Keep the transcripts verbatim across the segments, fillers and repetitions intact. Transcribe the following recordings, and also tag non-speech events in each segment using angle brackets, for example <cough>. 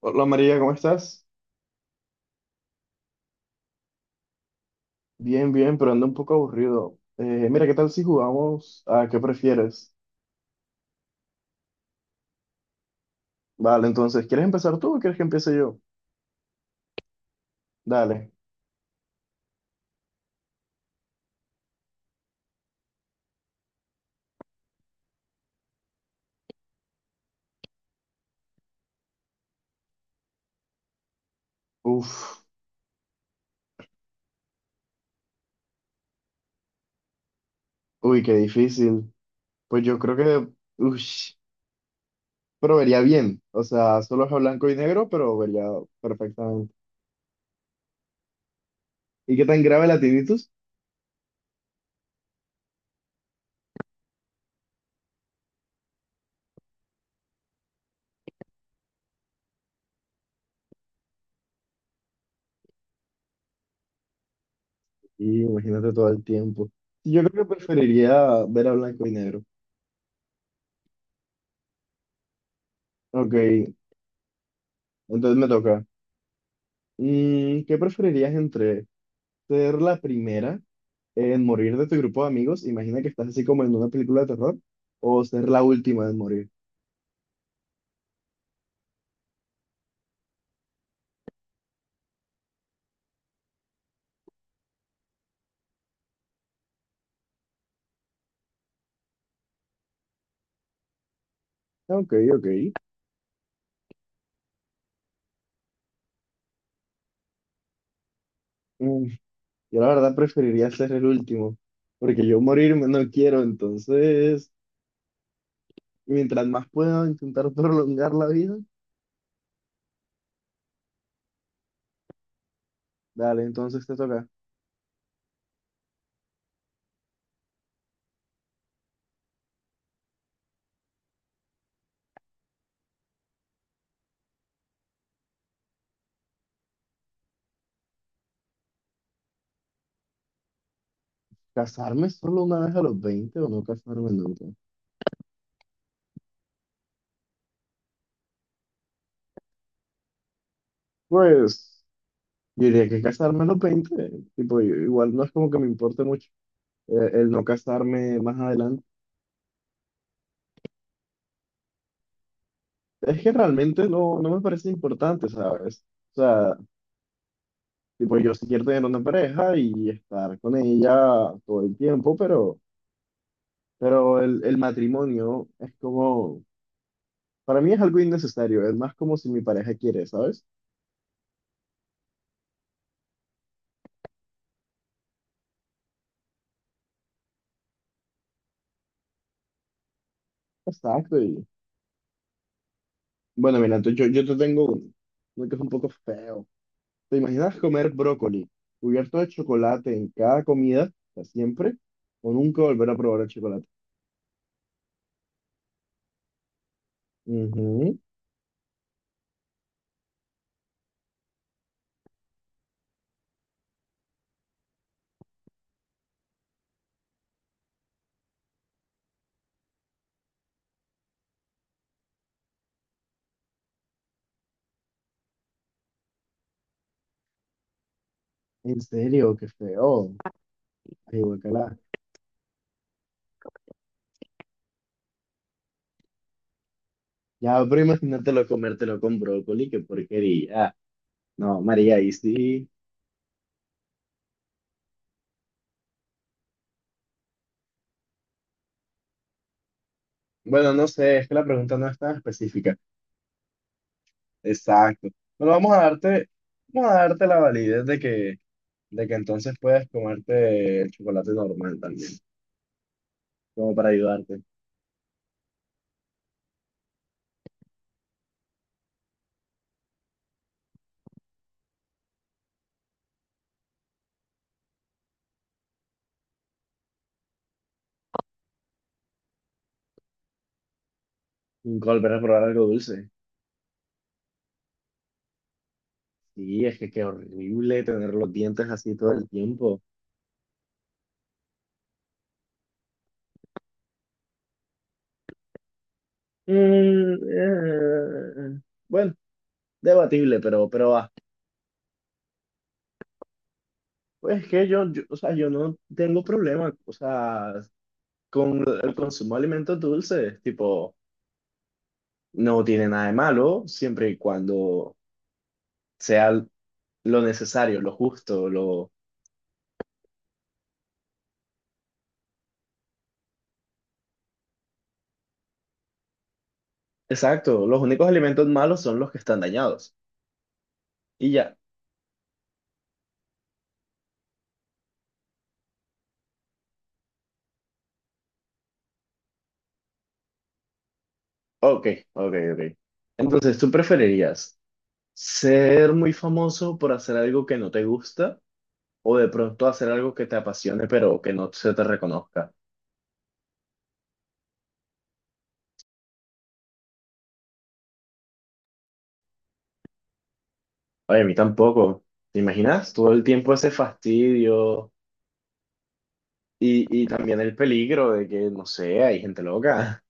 Hola María, ¿cómo estás? Bien, bien, pero ando un poco aburrido. Eh, mira, ¿qué tal si jugamos a qué prefieres? Vale, entonces, ¿quieres empezar tú o quieres que empiece yo? Dale. Uf, uy, qué difícil. Pues yo creo que, uff, pero vería bien. O sea, solo es a blanco y negro, pero vería perfectamente. ¿Y qué tan grave la tinnitus? Y imagínate todo el tiempo. Yo creo que preferiría ver a blanco y negro. Ok, entonces me toca. Mm, ¿qué preferirías entre ser la primera en morir de tu grupo de amigos? Imagina que estás así como en una película de terror o ser la última en morir. Ok, ok. Mm, Yo la verdad preferiría ser el último, porque yo morirme no quiero, entonces, mientras más pueda intentar <laughs> prolongar la vida. Dale, entonces te toca. ¿Casarme solo una vez a los veinte o no casarme nunca? Pues, yo diría que casarme a los veinte, tipo, yo- igual no es como que me importe mucho, eh, el no casarme más adelante. Es que realmente no, no me parece importante, ¿sabes? O sea, tipo, yo sí quiero tener una pareja y estar con ella todo el tiempo, pero, pero el, el matrimonio es como, para mí es algo innecesario, es más como si mi pareja quiere, ¿sabes? Exacto, y bueno, mira, entonces yo, yo te tengo uno, uno que es un poco feo. ¿Te imaginas comer brócoli cubierto de chocolate en cada comida, para siempre, o nunca volver a probar el chocolate? Ujú. En serio, qué feo. Ay, guacala. Ya, pero imagínatelo comértelo con brócoli, qué porquería. No, María, y sí. Bueno, no sé, es que la pregunta no es tan específica. Exacto. Bueno, vamos a darte, vamos a darte la validez de que, de que entonces puedes comerte el chocolate normal también, como para ayudarte. Nunca volver a probar algo dulce. Sí, es que qué horrible tener los dientes así todo el tiempo. Mm, eh, bueno, debatible, pero, pero va. Pues es que yo, yo, o sea, yo no tengo problema, o sea, con el consumo de alimentos dulces, tipo, no tiene nada de malo, siempre y cuando sea lo necesario, lo justo, lo... Exacto, los únicos alimentos malos son los que están dañados. Y ya. Ok, ok, ok. Entonces, ¿tú preferirías ser muy famoso por hacer algo que no te gusta o de pronto hacer algo que te apasione pero que no se te reconozca? Oye, a mí tampoco. ¿Te imaginas? Todo el tiempo ese fastidio. Y, y también el peligro de que, no sé, hay gente loca.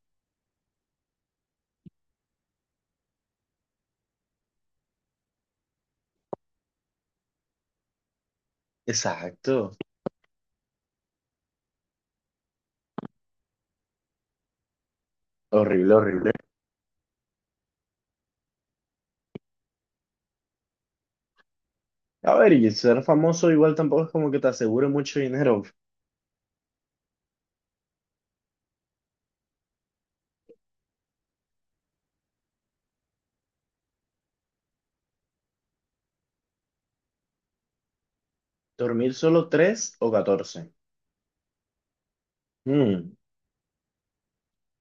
<laughs> Exacto. Horrible, horrible. A ver, y ser famoso igual tampoco es como que te asegure mucho dinero. Dormir solo tres o catorce. Hmm.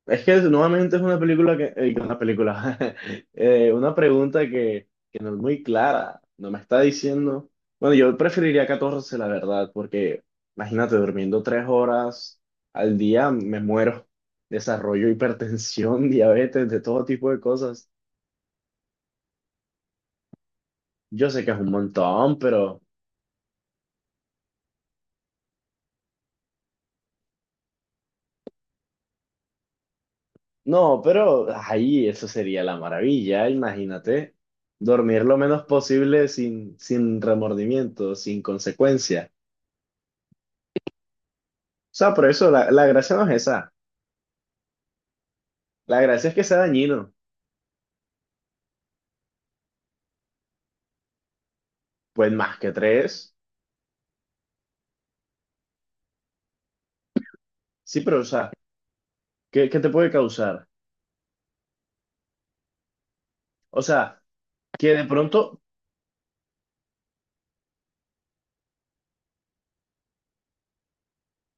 Es que nuevamente es una película que, eh, una película, <laughs> eh, una pregunta que, que no es muy clara, no me está diciendo, bueno, yo preferiría catorce la verdad, porque imagínate, durmiendo tres horas al día me muero, desarrollo hipertensión, <laughs> diabetes, de todo tipo de cosas. Yo sé que es un montón, pero no, pero ahí eso sería la maravilla, imagínate, dormir lo menos posible sin, sin remordimiento, sin consecuencia. O sea, por eso la, la gracia no es esa. La gracia es que sea dañino. Pues más que tres. Sí, pero o sea, ¿qué, qué te puede causar? O sea, que de pronto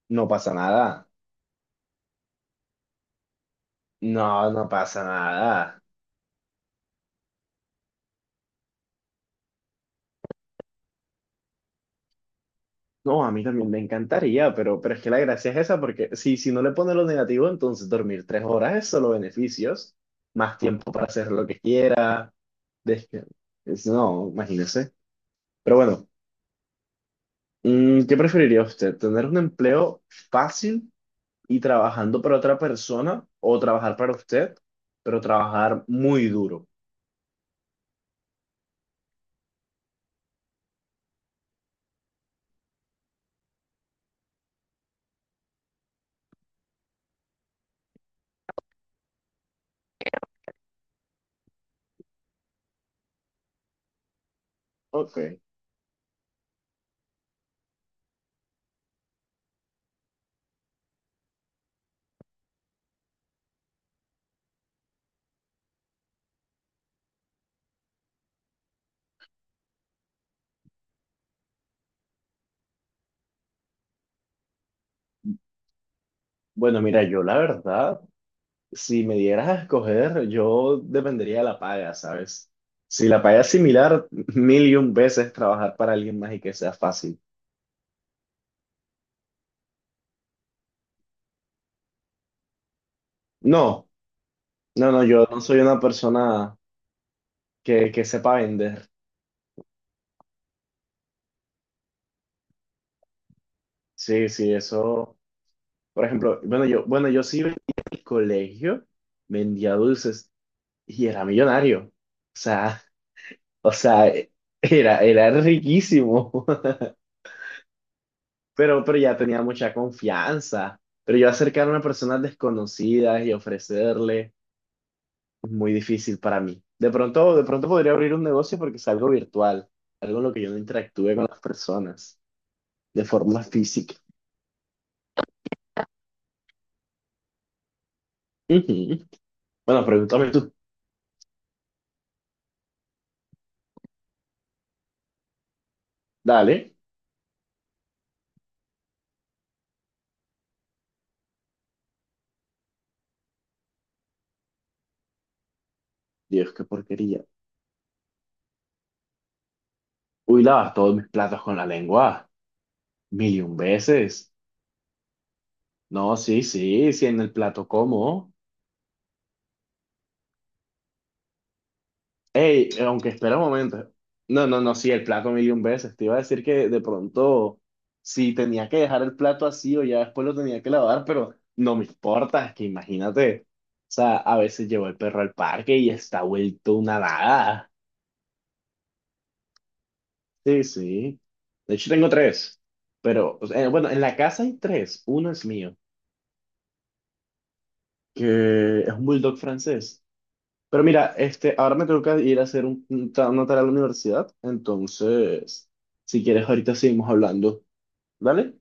no pasa nada. No, no pasa nada. No, a mí también me encantaría, pero, pero es que la gracia es esa, porque si, si no le pones lo negativo, entonces dormir tres horas es solo beneficios, más tiempo para hacer lo que quiera. desca- es- No, imagínese. Pero bueno, mm, ¿qué preferiría usted? ¿Tener un empleo fácil y trabajando para otra persona o trabajar para usted, pero trabajar muy duro? Ok. Bueno, mira, yo la verdad, si me dieras a escoger, yo dependería de la paga, ¿sabes? Si la paga es similar, mil y un veces trabajar para alguien más y que sea fácil. No, no, no, yo no soy una persona que, que sepa vender. Sí, sí, eso. Por ejemplo, bueno, yo, bueno, yo sí vendía en el colegio, vendía dulces y era millonario. O sea, O sea, eh, era, era riquísimo, <laughs> pero, pero ya tenía mucha confianza. Pero yo acercarme a personas desconocidas y ofrecerle es muy difícil para mí. De pronto, de pronto podría abrir un negocio porque es algo virtual, algo en lo que yo no interactúe con las personas de forma física. Ujú. Bueno, pregúntame tú. Dale. Dios, qué porquería. Uy, lavas todos mis platos con la lengua. Mil y un veces. No, sí, sí, sí, en el plato como. Ey, aunque espera un momento. No, no, no, sí, el plato millón veces. Te iba a decir que de pronto, si tenía que dejar el plato así o ya después lo tenía que lavar, pero no me importa, es que imagínate. O sea, a veces llevo el perro al parque y está vuelto una nada. Sí, sí. De hecho, tengo tres. Pero, o sea, eh, bueno, en la casa hay tres. Uno es mío, que es un bulldog francés. Pero mira, este, ahora me tengo que ir a hacer un, un ta- una tarea a la universidad. Entonces, si quieres, ahorita seguimos hablando. ¿Dale?